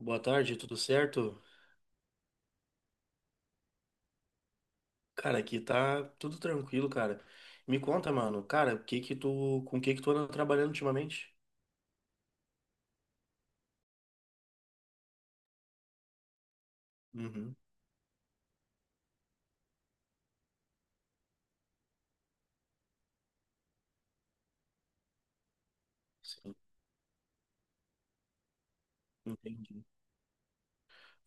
Boa tarde, tudo certo? Cara, aqui tá tudo tranquilo, cara. Me conta, mano, cara, o que que tu, com o que que tu anda trabalhando ultimamente? Uhum, sim, entendi.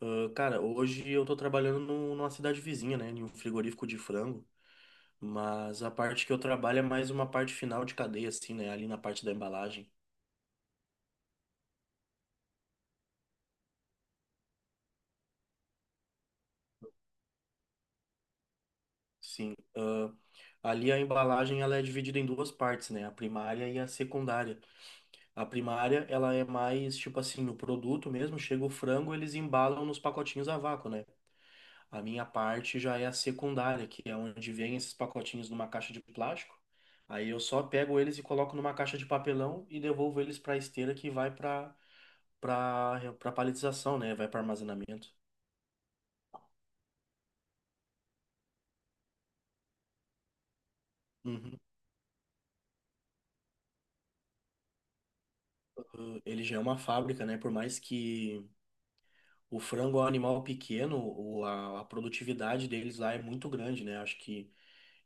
Ah, cara, hoje eu tô trabalhando numa cidade vizinha, né, em um frigorífico de frango, mas a parte que eu trabalho é mais uma parte final de cadeia, assim, né, ali na parte da embalagem. Sim, ali a embalagem ela é dividida em duas partes, né, a primária e a secundária. A primária, ela é mais tipo assim, o produto mesmo, chega o frango, eles embalam nos pacotinhos a vácuo, né? A minha parte já é a secundária, que é onde vem esses pacotinhos numa caixa de plástico. Aí eu só pego eles e coloco numa caixa de papelão e devolvo eles para esteira que vai para para paletização, né? Vai para armazenamento. Uhum. Ele já é uma fábrica, né? Por mais que o frango é um animal pequeno, a produtividade deles lá é muito grande, né? Acho que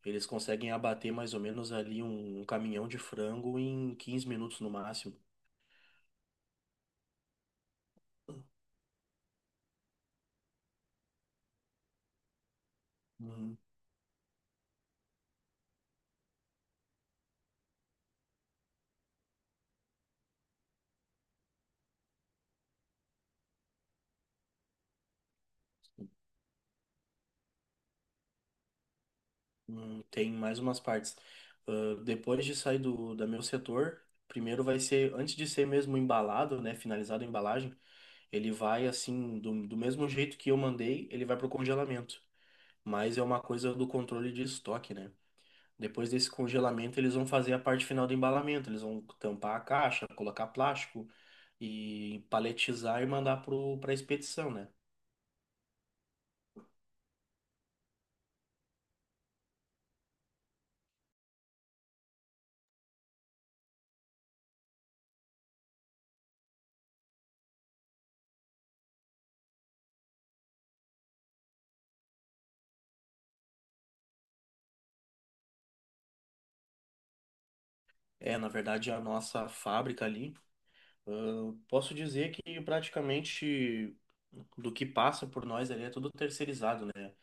eles conseguem abater mais ou menos ali um caminhão de frango em 15 minutos no máximo. Hum, Tem mais umas partes. Ah, depois de sair do, da meu setor, primeiro vai ser, antes de ser mesmo embalado, né, finalizado a embalagem, ele vai assim, do mesmo jeito que eu mandei, ele vai pro congelamento. Mas é uma coisa do controle de estoque, né? Depois desse congelamento, eles vão fazer a parte final do embalamento. Eles vão tampar a caixa, colocar plástico e paletizar e mandar para a expedição, né? É, na verdade, a nossa fábrica ali, ah, posso dizer que praticamente do que passa por nós ali é tudo terceirizado, né?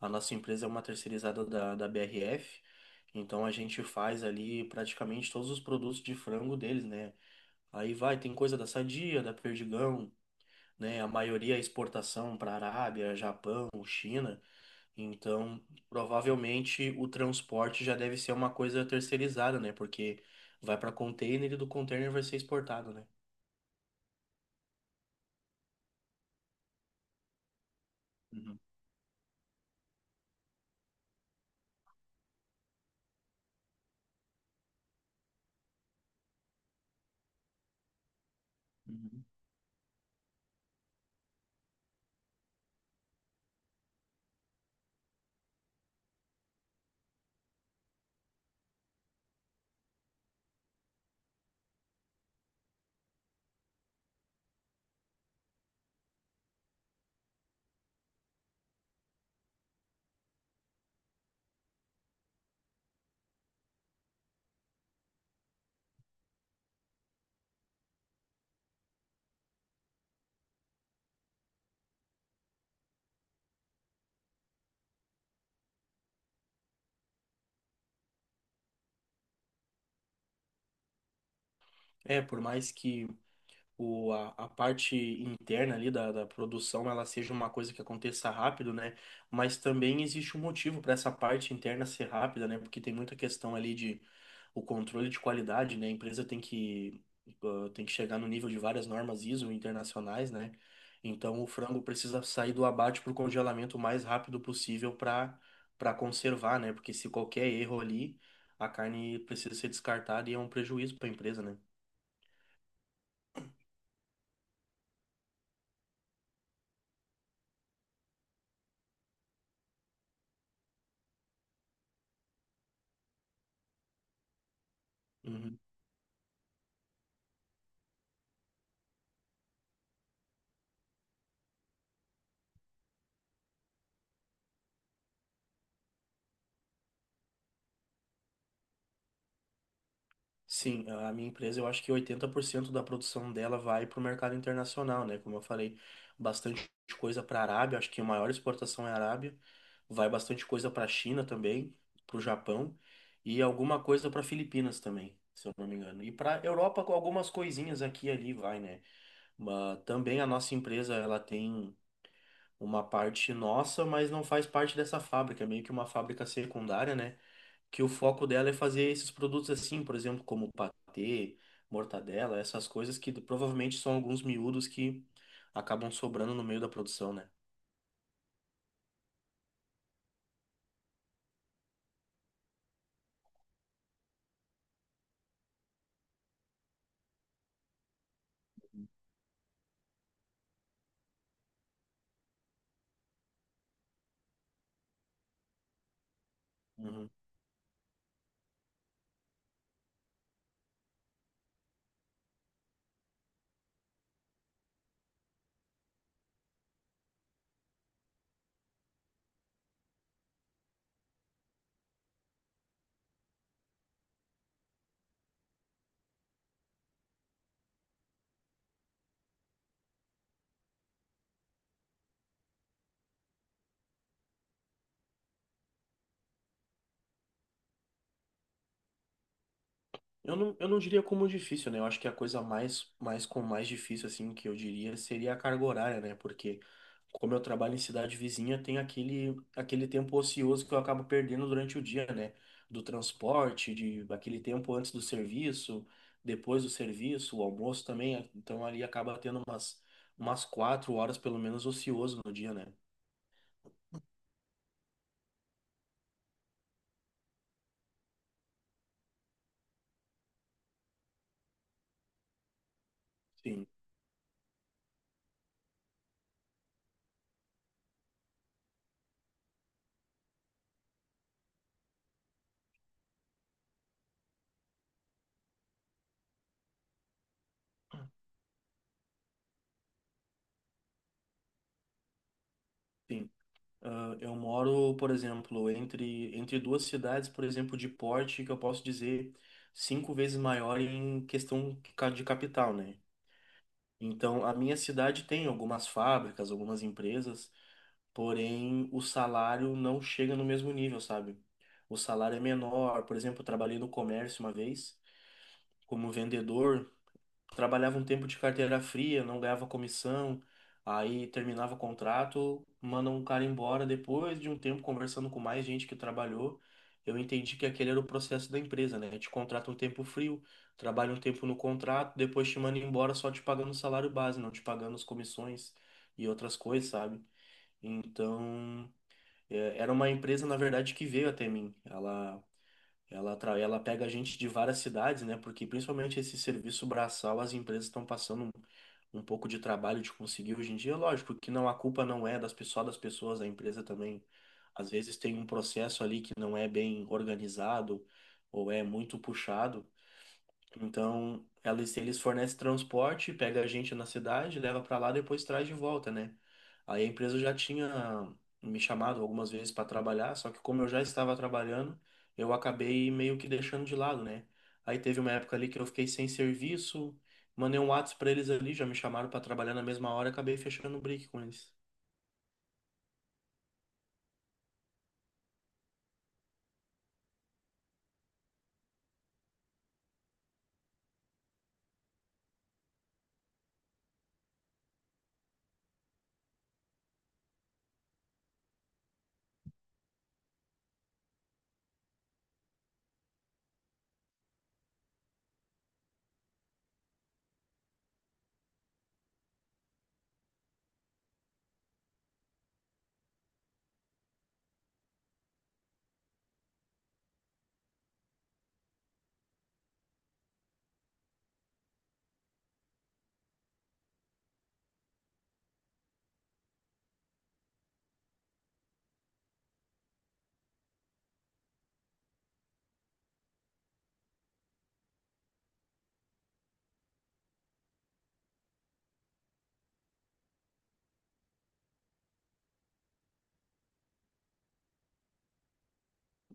A nossa empresa é uma terceirizada da BRF, então a gente faz ali praticamente todos os produtos de frango deles, né? Aí vai, tem coisa da Sadia, da Perdigão, né? A maioria é exportação para Arábia, Japão, China. Então, provavelmente o transporte já deve ser uma coisa terceirizada, né? Porque vai para container e do container vai ser exportado, né? Uhum, uhum. É, por mais que a parte interna ali da produção ela seja uma coisa que aconteça rápido, né? Mas também existe um motivo para essa parte interna ser rápida, né? Porque tem muita questão ali de o controle de qualidade, né? A empresa tem que chegar no nível de várias normas ISO internacionais, né? Então o frango precisa sair do abate para o congelamento o mais rápido possível para conservar, né? Porque se qualquer erro ali, a carne precisa ser descartada e é um prejuízo para a empresa, né? Uhum. Sim, a minha empresa, eu acho que 80% da produção dela vai para o mercado internacional, né? Como eu falei, bastante coisa para a Arábia, acho que a maior exportação é a Arábia, vai bastante coisa para a China também, para o Japão e alguma coisa para Filipinas também, se eu não me engano. E para Europa, com algumas coisinhas aqui e ali vai, né? Mas também a nossa empresa, ela tem uma parte nossa, mas não faz parte dessa fábrica, é meio que uma fábrica secundária, né? Que o foco dela é fazer esses produtos assim, por exemplo, como patê, mortadela, essas coisas que provavelmente são alguns miúdos que acabam sobrando no meio da produção, né? Uhum. Eu não diria como difícil, né? Eu acho que a coisa mais, mais com mais difícil, assim, que eu diria seria a carga horária, né? Porque como eu trabalho em cidade vizinha, tem aquele tempo ocioso que eu acabo perdendo durante o dia, né? Do transporte, de aquele tempo antes do serviço, depois do serviço, o almoço também. Então ali acaba tendo umas, 4 horas, pelo menos, ocioso no dia, né? Sim, sim. Ah, eu moro, por exemplo, entre duas cidades, por exemplo, de porte, que eu posso dizer cinco vezes maior em questão de capital, né? Então, a minha cidade tem algumas fábricas, algumas empresas, porém o salário não chega no mesmo nível, sabe? O salário é menor. Por exemplo, eu trabalhei no comércio uma vez, como vendedor, trabalhava um tempo de carteira fria, não ganhava comissão, aí terminava o contrato, manda um cara embora. Depois de um tempo conversando com mais gente que trabalhou, eu entendi que aquele era o processo da empresa, né? Te contrata um tempo frio, trabalha um tempo no contrato, depois te manda embora só te pagando o salário base, não te pagando as comissões e outras coisas, sabe? Então, é, era uma empresa, na verdade, que veio até mim. Ela pega a gente de várias cidades, né? Porque principalmente esse serviço braçal, as empresas estão passando um, um pouco de trabalho de conseguir hoje em dia. Lógico que não, a culpa não é das pessoas, a empresa também. Às vezes tem um processo ali que não é bem organizado ou é muito puxado. Então, eles fornecem transporte, pega a gente na cidade, leva para lá, depois traz de volta, né? Aí a empresa já tinha me chamado algumas vezes para trabalhar, só que como eu já estava trabalhando, eu acabei meio que deixando de lado, né? Aí teve uma época ali que eu fiquei sem serviço, mandei um WhatsApp para eles ali, já me chamaram para trabalhar na mesma hora, e acabei fechando o break com eles.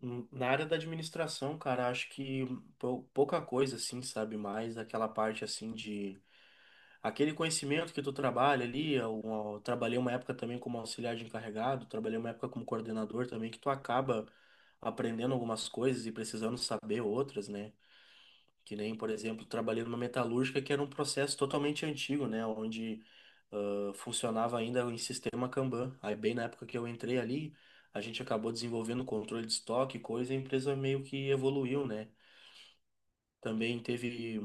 Na área da administração, cara, acho que pouca coisa assim, sabe? Mais aquela parte assim de aquele conhecimento que tu trabalha ali, eu trabalhei uma época também como auxiliar de encarregado, trabalhei uma época como coordenador também, que tu acaba aprendendo algumas coisas e precisando saber outras, né? Que nem, por exemplo, trabalhei numa metalúrgica que era um processo totalmente antigo, né? Onde funcionava ainda em sistema Kanban. Aí, bem na época que eu entrei ali, a gente acabou desenvolvendo controle de estoque, e coisa, e a empresa meio que evoluiu, né? Também teve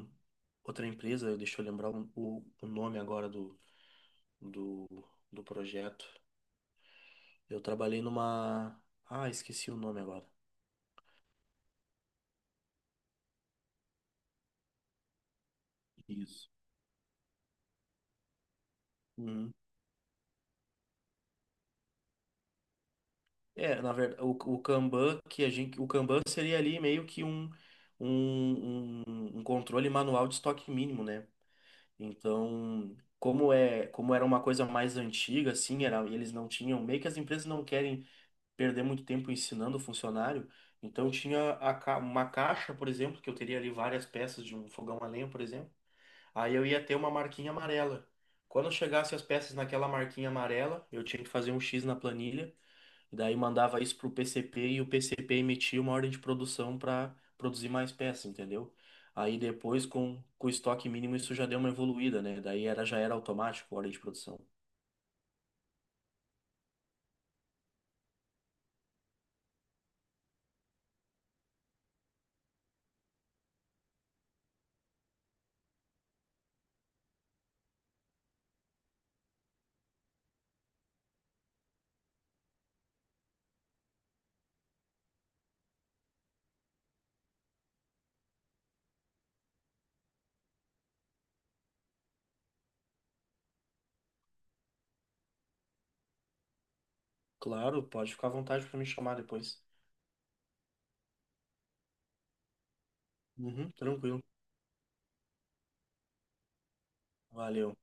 outra empresa, deixa eu lembrar o nome agora do do, do projeto. Eu trabalhei numa. Ah, esqueci o nome agora. Isso. Uhum. É, na verdade, o Kanban seria ali meio que um, um controle manual de estoque mínimo, né? Então, como é, como era uma coisa mais antiga, assim, era, eles não tinham, meio que as empresas não querem perder muito tempo ensinando o funcionário, então tinha uma caixa, por exemplo, que eu teria ali várias peças de um fogão a lenha, por exemplo. Aí eu ia ter uma marquinha amarela. Quando chegasse as peças naquela marquinha amarela, eu tinha que fazer um X na planilha, e daí mandava isso pro PCP e o PCP emitia uma ordem de produção para produzir mais peças, entendeu? Aí depois, com o estoque mínimo, isso já deu uma evoluída, né? Daí era, já era automático a ordem de produção. Claro, pode ficar à vontade para me chamar depois. Uhum, tranquilo. Valeu.